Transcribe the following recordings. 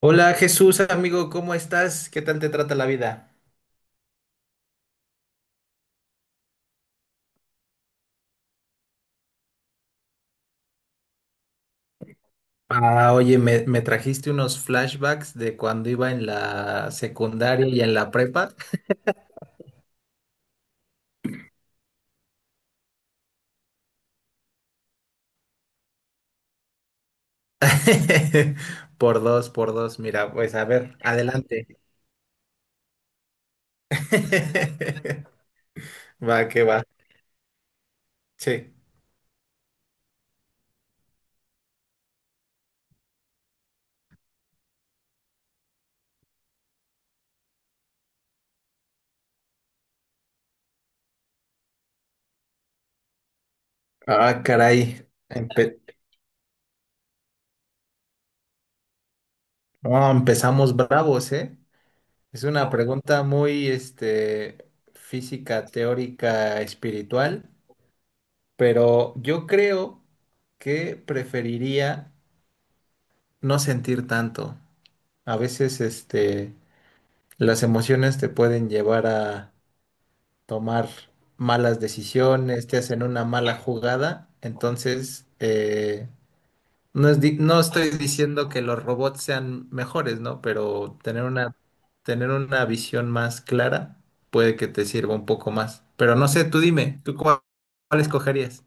Hola Jesús, amigo, ¿cómo estás? ¿Qué tal te trata la vida? Ah, oye, me trajiste unos flashbacks de cuando iba en la secundaria y en la prepa. Por dos, mira, pues a ver, adelante. Va, que va. Sí. Ah, caray. No, empezamos bravos, ¿eh? Es una pregunta muy, este, física, teórica, espiritual, pero yo creo que preferiría no sentir tanto. A veces, este, las emociones te pueden llevar a tomar malas decisiones, te hacen una mala jugada. Entonces, no estoy diciendo que los robots sean mejores, ¿no? Pero tener una visión más clara puede que te sirva un poco más. Pero no sé, tú dime, ¿tú cuál escogerías?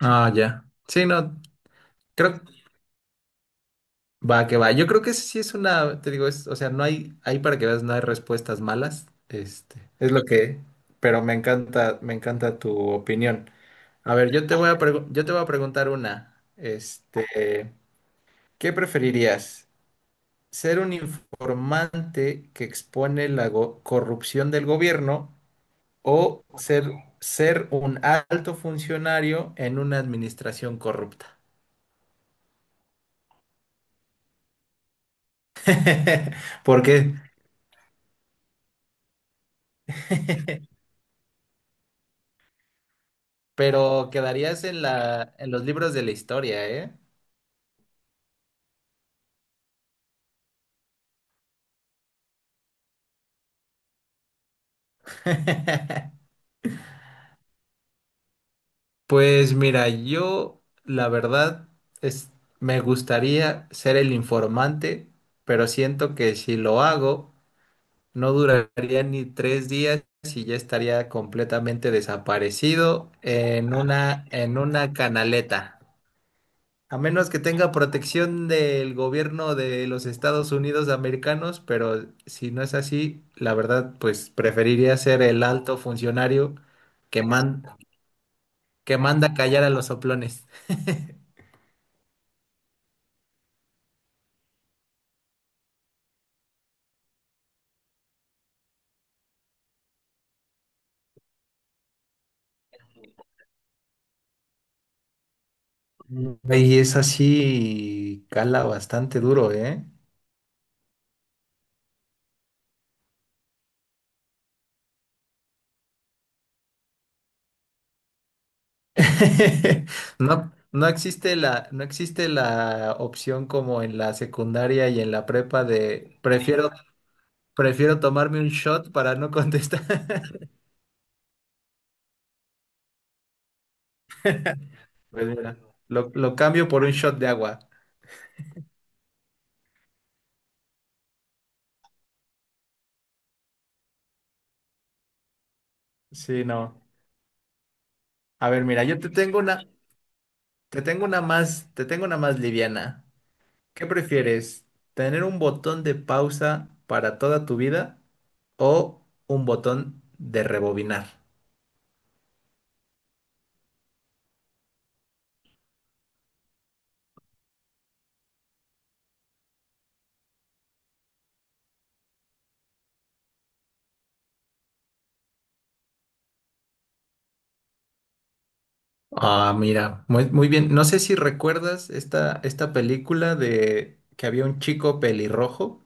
Ah, ya. Sí, no, creo. Va, que va. Yo creo que sí es una, te digo, es, o sea, no hay, ahí para que veas, no hay respuestas malas. Este, es lo que, pero me encanta tu opinión. A ver, yo te voy a preguntar una. Este, ¿qué preferirías? ¿Ser un informante que expone la corrupción del gobierno o ser un alto funcionario en una administración corrupta? ¿Por qué? Pero quedarías en la, en los libros de la historia, ¿eh? Pues mira, yo la verdad es, me gustaría ser el informante, pero siento que si lo hago, no duraría ni tres días y ya estaría completamente desaparecido en una canaleta. A menos que tenga protección del gobierno de los Estados Unidos americanos, pero si no es así, la verdad, pues preferiría ser el alto funcionario que man- que manda callar a los soplones. Y es así, cala bastante duro, ¿eh? No, no existe la opción como en la secundaria y en la prepa de prefiero tomarme un shot para no contestar. Pues mira, lo cambio por un shot de agua. Sí, no. A ver, mira, yo te tengo una, te tengo una más liviana. ¿Qué prefieres? ¿Tener un botón de pausa para toda tu vida o un botón de rebobinar? Ah, mira, muy, muy bien. No sé si recuerdas esta película de que había un chico pelirrojo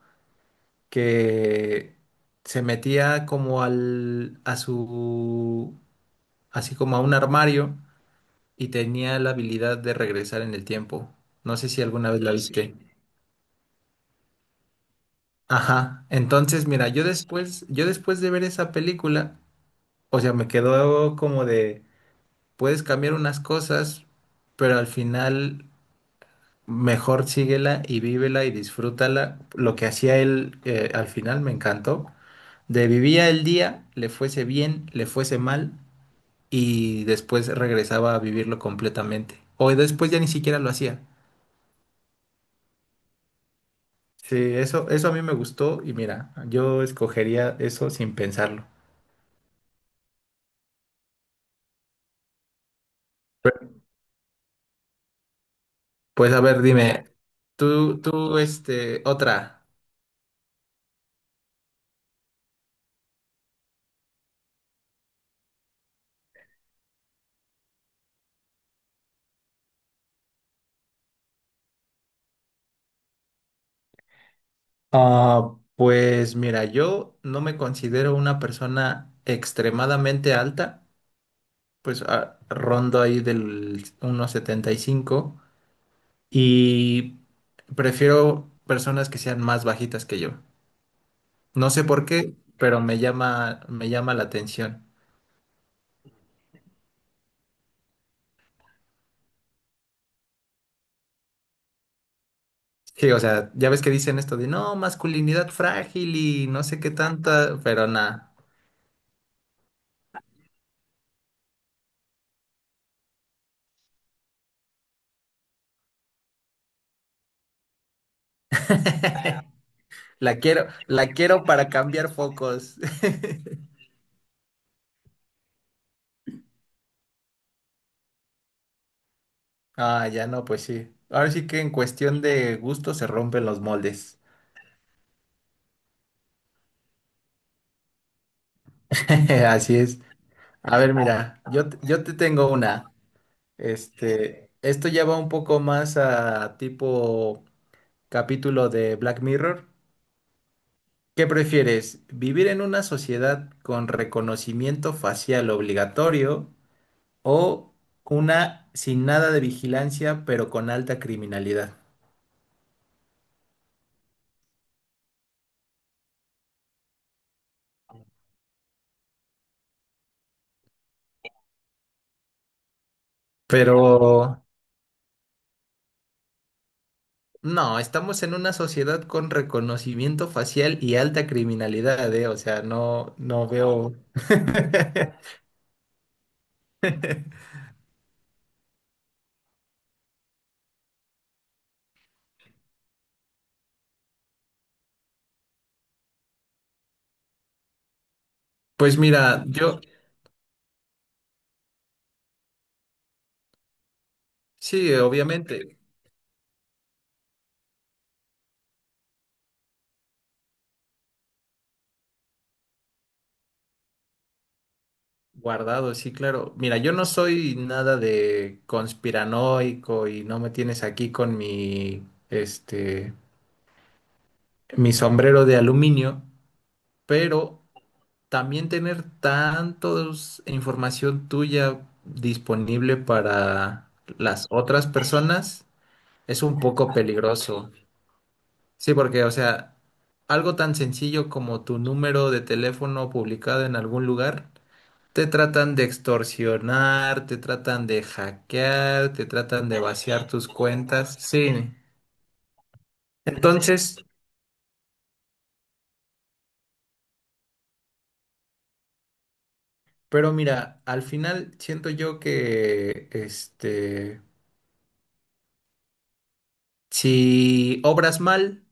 que se metía a su, así como a un armario y tenía la habilidad de regresar en el tiempo. No sé si alguna vez la. Ah, viste, sí. Ajá. Entonces, mira, yo después de ver esa película, o sea, me quedó como de, puedes cambiar unas cosas, pero al final mejor síguela y vívela y disfrútala. Lo que hacía él, al final me encantó. De vivía el día, le fuese bien, le fuese mal, y después regresaba a vivirlo completamente. O después ya ni siquiera lo hacía. Sí, eso a mí me gustó y mira, yo escogería eso sin pensarlo. Pues a ver, dime, este, otra. Ah, pues mira, yo no me considero una persona extremadamente alta, pues ah, rondo ahí del 1.75 y prefiero personas que sean más bajitas que yo. No sé por qué, pero me llama la atención. Sí, o sea, ya ves que dicen esto de no, masculinidad frágil y no sé qué tanta, pero nada. La quiero para cambiar focos. Ah, ya no, pues sí. Ahora sí que en cuestión de gusto se rompen los moldes. Así es. A ver, mira, yo te tengo una. Este, esto ya va un poco más a tipo capítulo de Black Mirror. ¿Qué prefieres? ¿Vivir en una sociedad con reconocimiento facial obligatorio o una sin nada de vigilancia, pero con alta criminalidad? Pero no, estamos en una sociedad con reconocimiento facial y alta criminalidad, ¿eh? O sea, no, no veo. Pues mira, yo, sí, obviamente, guardado, sí, claro. Mira, yo no soy nada de conspiranoico y no me tienes aquí con mi, este, mi sombrero de aluminio, pero también tener tantos información tuya disponible para las otras personas es un poco peligroso. Sí, porque, o sea, algo tan sencillo como tu número de teléfono publicado en algún lugar, te tratan de extorsionar, te tratan de hackear, te tratan de vaciar tus cuentas. Sí. Entonces, pero mira, al final siento yo que este, si obras mal,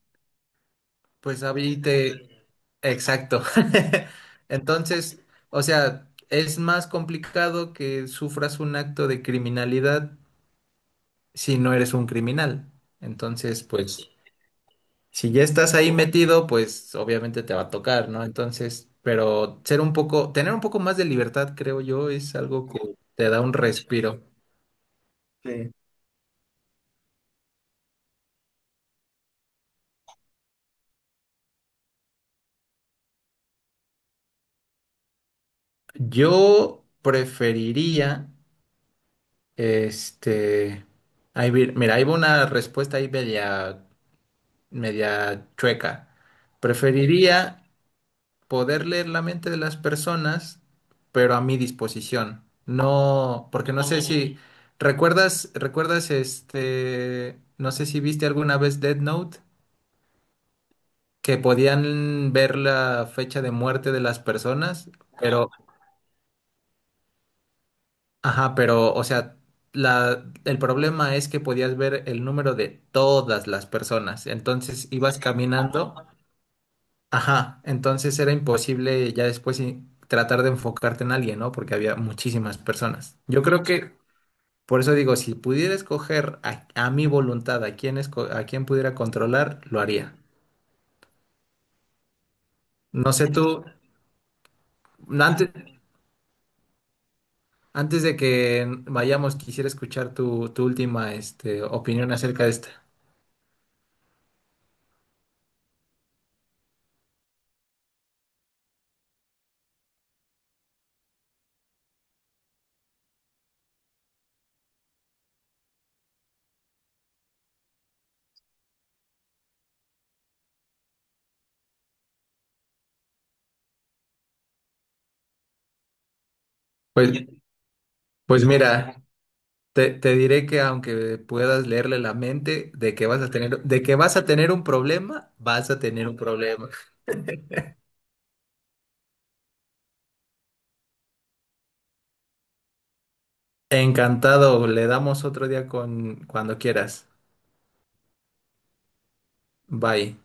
pues ahí te... Exacto. Entonces, o sea, es más complicado que sufras un acto de criminalidad si no eres un criminal. Entonces, pues, si ya estás ahí metido, pues obviamente te va a tocar, ¿no? Entonces, pero ser un poco, tener un poco más de libertad, creo yo, es algo que te da un respiro. Yo preferiría, este, mira, ahí va una respuesta ahí media chueca. Preferiría poder leer la mente de las personas, pero a mi disposición. No, porque no sé si. Mm, recuerdas este, no sé si viste alguna vez Death Note, que podían ver la fecha de muerte de las personas, ah, pero, ajá, pero, o sea, la, el problema es que podías ver el número de todas las personas. Entonces ibas caminando. Ajá, entonces era imposible ya después tratar de enfocarte en alguien, ¿no? Porque había muchísimas personas. Yo creo que, por eso digo, si pudiera escoger a mi voluntad a a quién pudiera controlar, lo haría. No sé tú, antes, antes de que vayamos, quisiera escuchar tu última, este, opinión acerca de esta. Pues, pues mira, te diré que aunque puedas leerle la mente de que vas a tener, de que vas a tener un problema, vas a tener un problema. Encantado, le damos otro día con cuando quieras. Bye.